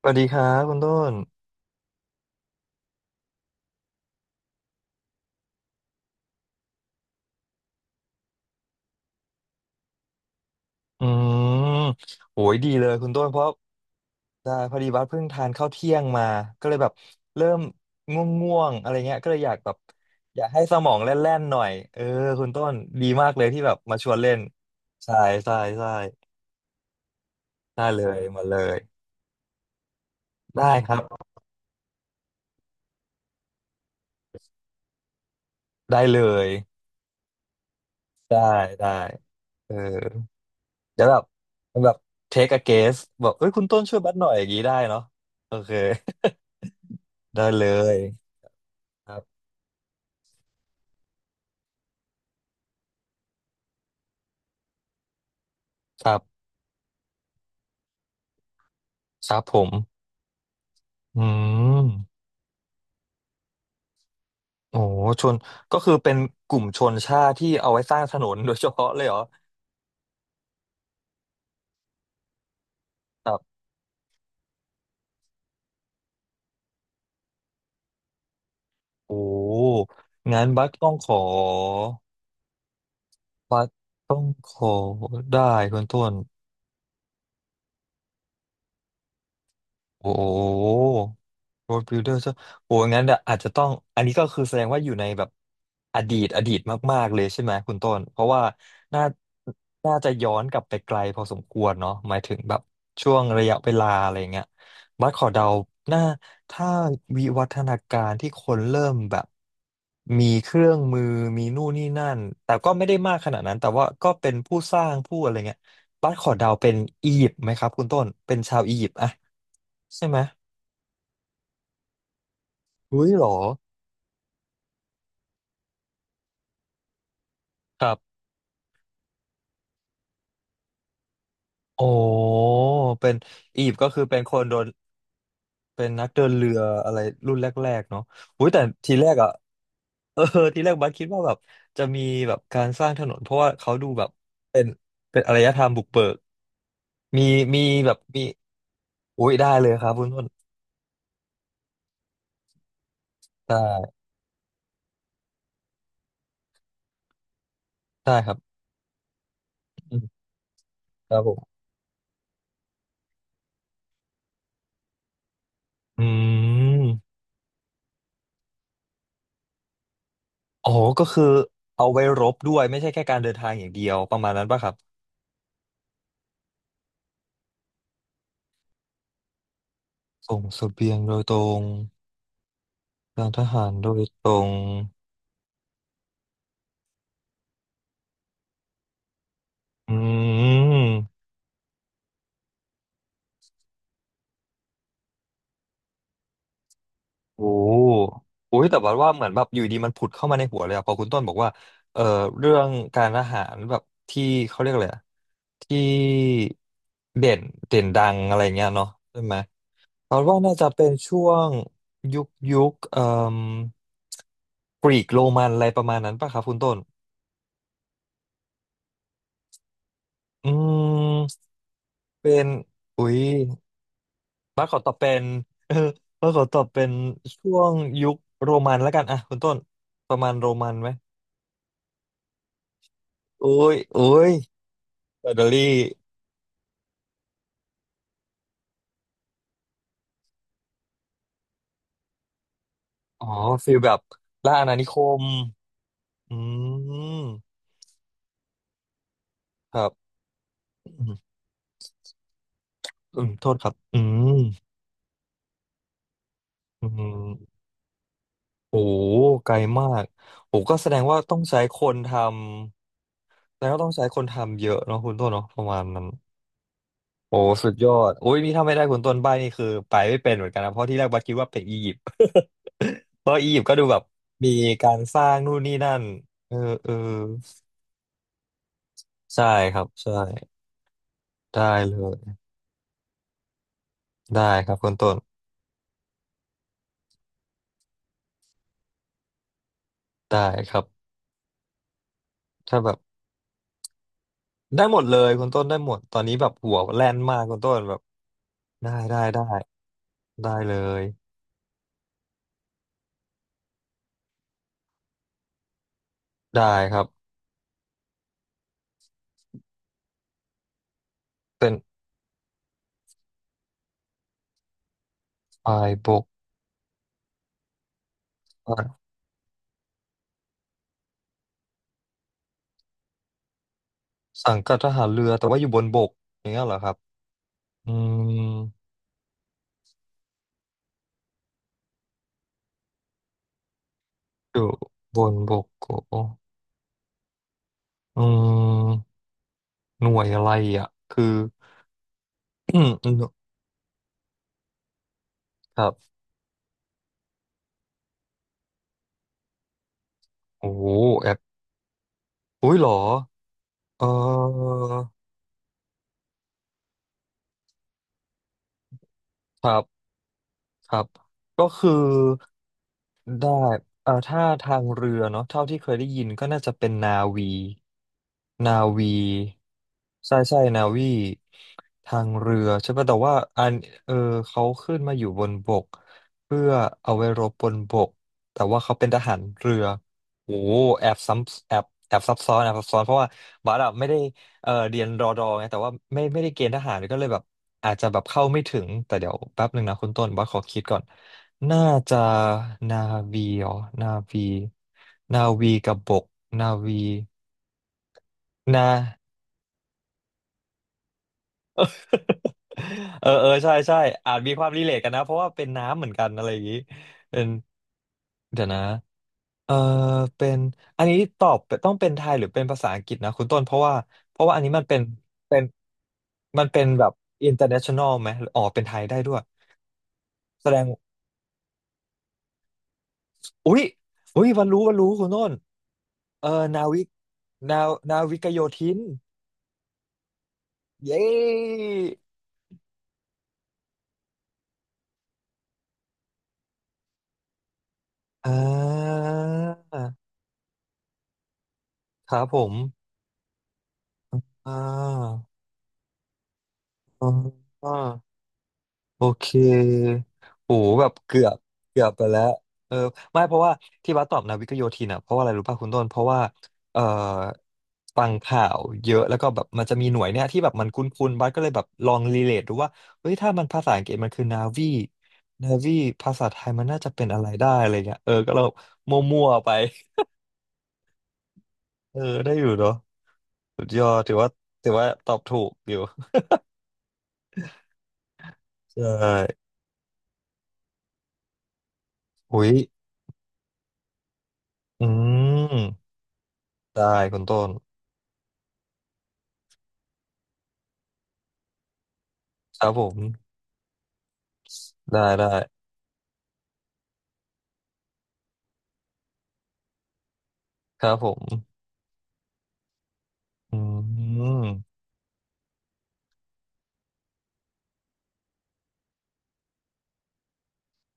สวัสดีครับคุณต้นอืมโหยดีเลยคุณต้นเพราะได้พอดีบัสเพิ่งทานข้าวเที่ยงมาก็เลยแบบเริ่มง่วงๆอะไรเงี้ยก็เลยอยากแบบอยากให้สมองแล่นๆหน่อยเออคุณต้นดีมากเลยที่แบบมาชวนเล่นใช่ใช่ใช่ได้เลยมาเลยได้ครับได้เลยได้ได้เออเดี๋ยวแบบแบบ take a guess บอกเอ้ยคุณต้นช่วยบัสหน่อยอย่างนี้ได้เนาะโอเคได้เลยครับครับครับผม อืม โอ้ชนก็คือเป็นกลุ่มชนชาติที่เอาไว้สร้างถนนโดยเฉพาะเลยเหรอครับโอ้งั้นบัสต้องขอบัสต้องขอได้คุณต้นโอ้ โรดบิลเดอร์ใช่โอ้งั้นเดี๋ยวอาจจะต้อง อันนี้ก็คือแสดงว่าอยู่ในแบบอดีตอดีตมากๆเลยใช่ไหมคุณต้น เพราะว่าน่าน่าจะย้อนกลับไปไกลพอสมควรเนาะหมายถึงแบบช่วงระยะเวลาอะไรเงี้ยบัสขอเดาน่าถ้าวิวัฒนาการที่คนเริ่มแบบมีเครื่องมือมีนู่นนี่นั่น แต่ก็ไม่ได้มากขนาดนั้น แต่ว่าก็เป็นผู้สร้างผู้อะไรเงี้ยบัสขอเดาเป็นอียิปต์ไหมครับคุณต้นเป็นชาวอียิปต์อะใช่ไหมอุ้ยเหรอ ครับโอ้เป็นอียิปต์ก็คือเป็นคนโดนเป็นนักเดินเรืออะไรรุ่นแรกๆเนาะอุ้ยแต่ทีแรกอะเออทีแรกบัสคิดว่าแบบจะมีแบบการสร้างถนนเพราะว่าเขาดูแบบเป็นเป็นอารยธรรมบุกเบิกมีมีแบบมีอุ้ยได้เลยครับคุณต้นได้ได้ครับอืมครับผมอืมอ๋อก็คือเอาไว้รบด้วยไม่ใช่แค่การเดินทางอย่างเดียวประมาณนั้นป่ะครับ ส่งเสบียงโดยตรง การทหารโดยตรง อืมโอ้โอ้ยแต่บัว่าเหมือนแบบอยู่ดีมันผุดเข้ามาในหัวเลยอะพอคุณต้นบอกว่าเอ่อเรื่องการทหารแบบที่เขาเรียกอะไรอะที่เด่นเด่นดังอะไรเงี้ยเนาะใช่ไหมเพราะว่าน่าจะเป็นช่วงยุคยุคเอ่มกรีกโรมันอะไรประมาณนั้นป่ะครับคุณต้นอืมเป็นอุ๊ย บ้านขอตอบเป็น เออบ้านขอตอบเป็นช่วงยุคโรมันแล้วกันอ่ะคุณต้นประมาณโรมันไหมโอ้ยโอ้ยอิตาลีอ๋อฟีลแบบล่าอาณานิคมอืมครับอืมอืมโทษครับอืมอืมโอ้ไกลมากโอ้ก็แสดงว่าต้องใช้คนทำแสดงว่าต้องใช้คนทำเยอะเนาะคุณต้นเนาะประมาณนั้น โอ้สุดยอดโอ้ยนี่ถ้าไม่ได้คุณต้นใบนี่คือไปไม่เป็นเหมือนกันนะเพราะที่แรกบัสคิดว่าเป็นอียิปต์ เพราะอียิปต์ก็ดูแบบมีการสร้างนู่นนี่นั่นเออเออใช่ครับใช่ได้เลยได้ครับคุณต้นได้ครับถ้าแบบได้หมดเลยคุณต้นได้หมดตอนนี้แบบหัวแล่นมากคุณต้นแบบได้ได้ได้ได้เลยได้ครับเป็นพายบกอ่ะสังกัดทหารเรือแต่ว่าอยู่บนบกอย่างเงี้ยเหรอครับอืมอยู่บนบกโอ้ อืมหน่วยอะไรอ่ะคือ อืมอืมครับโอ้โหแอปอุ้ยเหรอเออครับครับก็คือ ได้ถ้าทางเรือเนาะเท่าที่เคยได้ยินก็น่าจะเป็นนาวี นาวีใช่ใช่นาวีทางเรือใช่ป่ะแต่ว่าอันเออเขาขึ้นมาอยู่บนบกเพื่อเอาไว้รบบนบกแต่ว่าเขาเป็นทหารเรือโอ้โหแอบซ้ำแอบแอบซับซ้อนแอบซับซ้อนเพราะว่าบาร์ดไม่ได้เออเรียนรอดอไงแต่ว่าไม่ไม่ได้เกณฑ์ทหารก็เลยแบบอาจจะแบบเข้าไม่ถึงแต่เดี๋ยวแป๊บหนึ่งนะคุณต้นบาร์ขอคิดก่อน น่าจะนาวีอ๋อนาวีนาวีกับบกนาวีนา เออเออใช่ใช่อาจมีความรีเลทกันนะเพราะว่าเป็นน้ำเหมือนกันอะไรอย่างนี้เป็นเดี๋ยวนะเออเป็นอันนี้ตอบต้องเป็นไทยหรือเป็นภาษาอังกฤษนะคุณต้นเพราะว่าเพราะว่าอันนี้มันเป็นเป็นมันเป็นแบบ international ไหมอ๋อเป็นไทยได้ด้วยแสดงอุ๊ยอุ๊ยวันรู้วันรู้คุณต้น เออนาวิกนานาวิกโยธินเย้อ่าครับผมอ่าอ่า โอเคโห แบบเกือบ เกือบไปแล้วเออไม่เพราะว่าที่บัสตอบนาวิกโยธินอ่ะเพราะว่าอะไรรู้ป่ะคุณต้น เพราะว่าเอ่อฟังข่าวเยอะแล้วก็แบบมันจะมีหน่วยเนี่ยที่แบบมันคุ้นๆบัสก็เลยแบบลองรีเลทดูว่า เฮ้ยถ้ามันภาษาอังกฤษมันคือนาวีนาวีภาษาไทยมันน่าจะเป็นอะไรได้อะไรเงี้ยเออก็เรามั่วๆไปเออได้อยู่เนาะสุดยอดถือว่าถือว่าตอบถูกอยู่ใช่อุ้ยอืมได้คุณต้นครับผม ได้ได้ครับผมอืม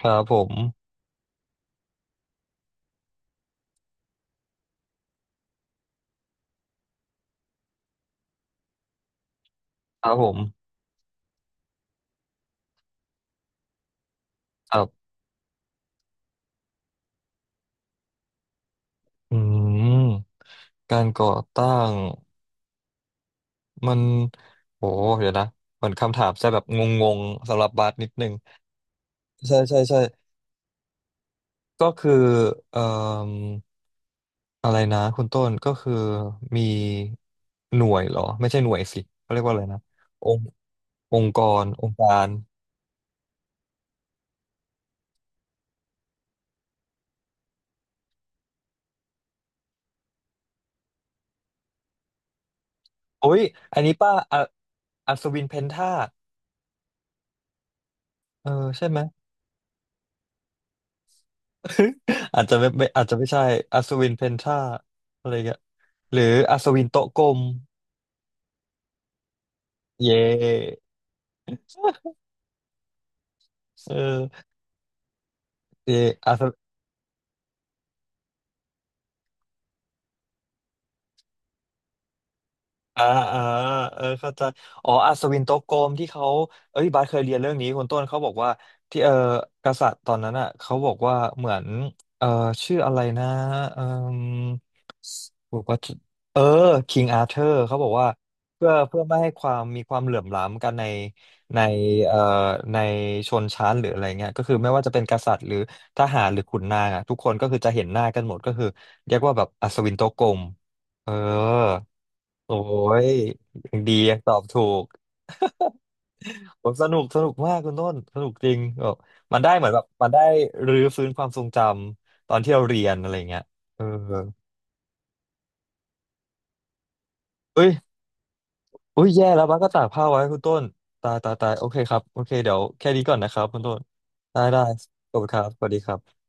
ครับผมครับผมครับอืมการก่อตั้งมันโหเดี๋ยวนะเหมือนคำถามจะแบบงงๆสำหรับบาสนิดนึงใช่ใช่ใช่ก็คือเอ่ออะไรนะคุณต้นก็คือมีหน่วยเหรอไม่ใช่หน่วยสิเขาเรียกว่าอะไรนะองค์องค์กรองค์การโอ้ยอันนี้ป้าอะอัศวินเพนท่าเออใช่ไหม อาจจะไม่อาจจะไม่ใช่อัศวินเพนทราอะไรเงี้ยหรืออัศวินโต๊ะกลมเย่เออเย่อัศอ่าอ่าเออเข้าใจอ๋ออัศวินโต๊ะกลมที่เขาเอ้ยบาสเคยเรียนเรื่องนี้คุณต้นเขาบอกว่าที่เออกษัตริย์ตอนนั้นอ่ะเขาบอกว่าเหมือนเออชื่ออะไรนะเออ บอกว่าเออคิงอาเธอร์เขาบอกว่าเพื่อไม่ให้ความมีความเหลื่อมล้ำกันในในเอ่อในชนชั้นหรืออะไรเงี้ยก็คือไม่ว่าจะเป็นกษัตริย์หรือทหารหรือขุนนางอะทุกคนก็คือจะเห็นหน้ากันหมดก็คือเรียกว่าแบบอัศวินโต๊ะกลมเออโอ้ยยังดียังตอบถูก ผมสนุกสนุกมากคุณต้นสนุกจริงแบบมันได้เหมือนแบบมันได้รื้อฟื้นความทรงจำตอนที่เราเรียนอะไรเงี้ยเออเอ้ย อุ้ยแย่แล้วบ้าสก็ตากผ้าไว้คุณต้นตายตายตายโอเคครับโอเคเดี๋ยวแค่นี้ก่อนนะครับคุณต้นได้ได้ขอบคุณครับสวัสดีครับ